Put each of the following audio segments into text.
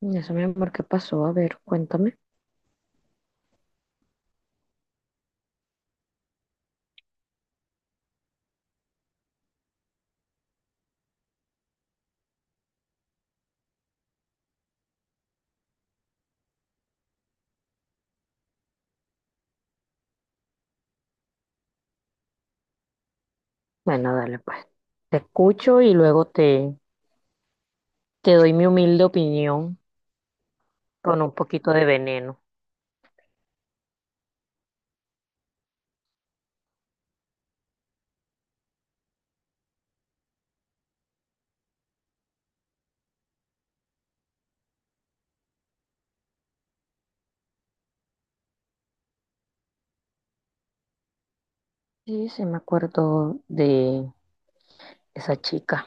Eso, mi amor, ¿qué pasó? A ver, cuéntame. Bueno, dale, pues. Te escucho y luego te doy mi humilde opinión con un poquito de veneno. Sí, sí, me acuerdo de esa chica.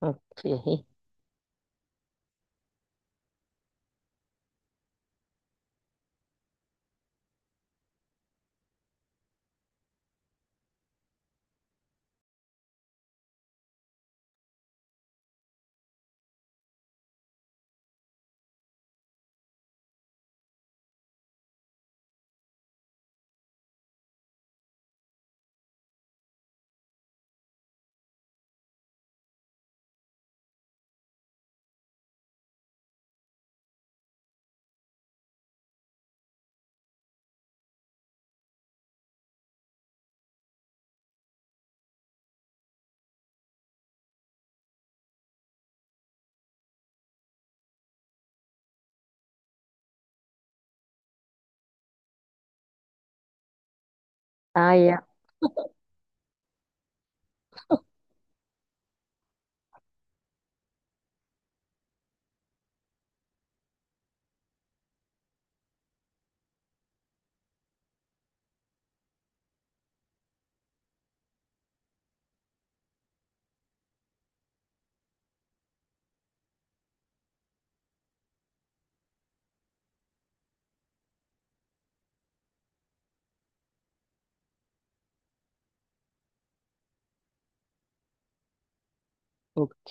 Ok. Ah, ya. Ok.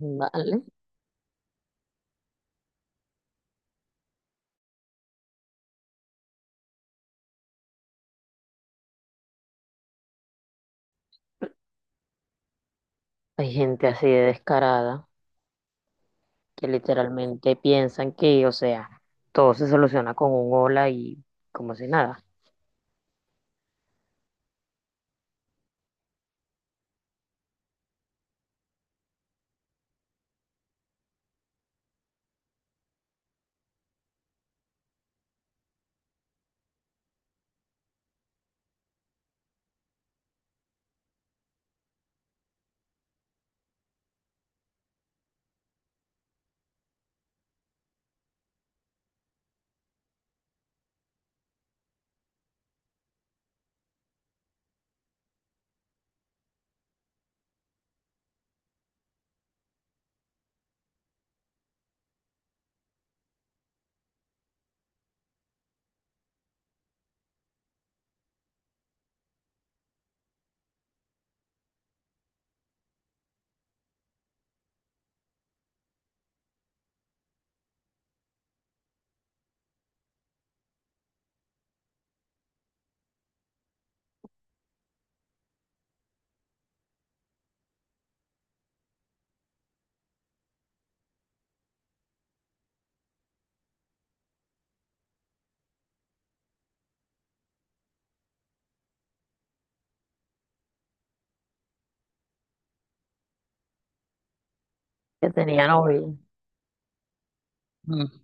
Vale. Hay gente así de descarada que literalmente piensan que, o sea, todo se soluciona con un hola y como si nada. Que tenía novia. Mm.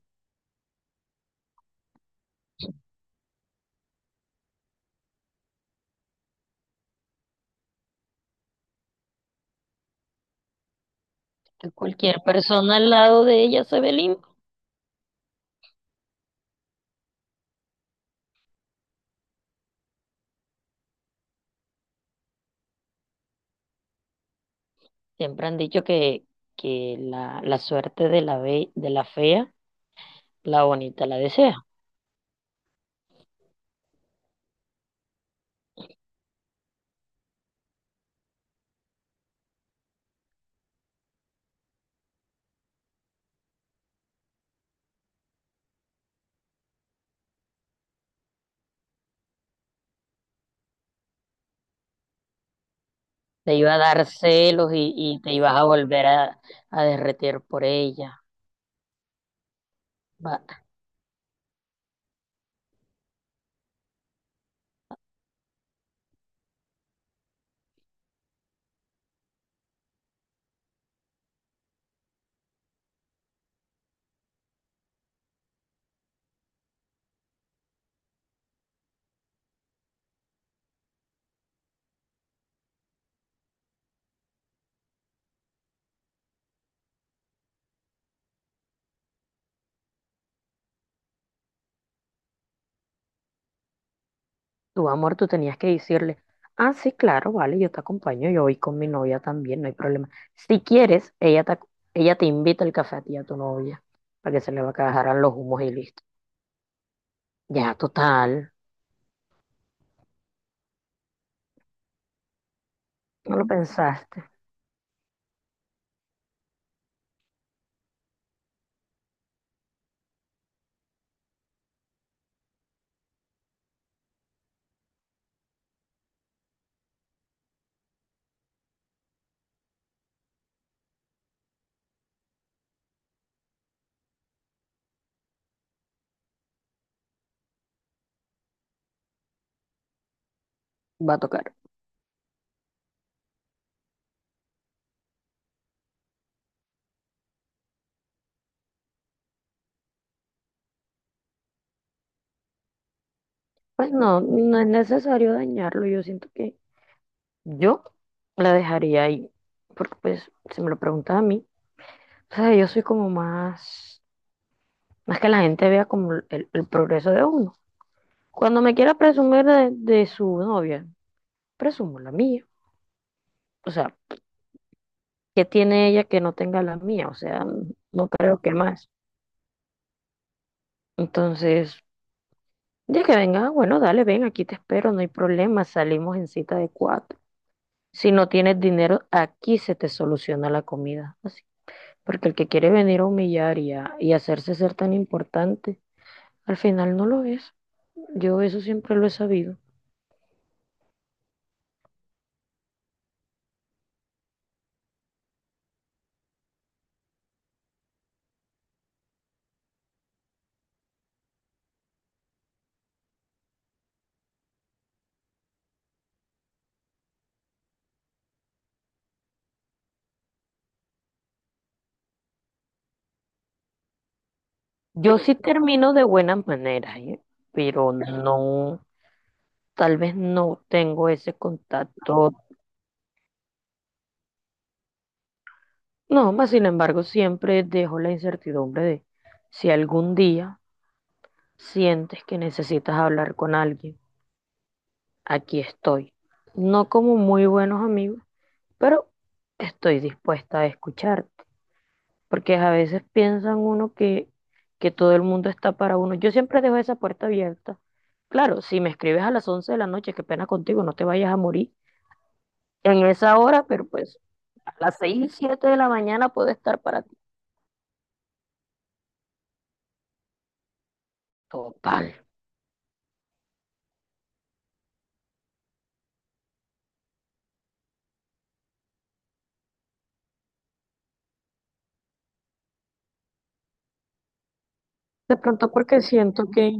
Que cualquier persona al lado de ella se ve linda. Siempre han dicho que, que la suerte de la fea, la bonita la desea. Te iba a dar celos y te ibas a volver a derretir por ella. Va- Tu amor, tú tenías que decirle, ah, sí, claro, vale, yo te acompaño, yo voy con mi novia también, no hay problema. Si quieres, ella te invita al café a ti y a tu novia, para que se le bajaran los humos y listo. Ya, total, no lo pensaste, va a tocar. Pues no, no es necesario dañarlo, yo siento que yo la dejaría ahí, porque pues se me lo pregunta a mí. O sea, yo soy como más, más que la gente vea como el progreso de uno. Cuando me quiera presumir de su novia, presumo la mía. O sea, ¿qué tiene ella que no tenga la mía? O sea, no creo que más. Entonces, ya que venga, bueno, dale, ven, aquí te espero, no hay problema, salimos en cita de cuatro. Si no tienes dinero, aquí se te soluciona la comida. Así. Porque el que quiere venir a humillar y hacerse ser tan importante, al final no lo es. Yo eso siempre lo he sabido. Yo sí termino de buenas maneras, ¿eh? Pero no, tal vez no tengo ese contacto. No, más sin embargo, siempre dejo la incertidumbre de si algún día sientes que necesitas hablar con alguien, aquí estoy. No como muy buenos amigos, pero estoy dispuesta a escuchar. Porque a veces piensan uno que todo el mundo está para uno. Yo siempre dejo esa puerta abierta. Claro, si me escribes a las 11 de la noche, qué pena contigo, no te vayas a morir en esa hora, pero pues a las 6 7 de la mañana puedo estar para ti. Total. De pronto porque siento que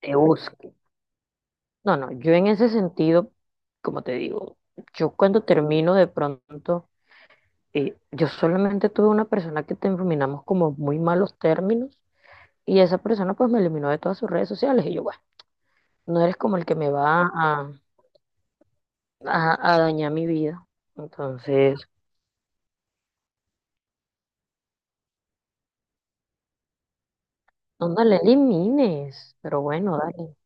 te busco. No, no, yo en ese sentido, como te digo, yo cuando termino de pronto, yo solamente tuve una persona que terminamos como muy malos términos y esa persona pues me eliminó de todas sus redes sociales y yo, bueno, no eres como el que me va a dañar mi vida. Entonces, no, no le elimines, pero bueno, dale.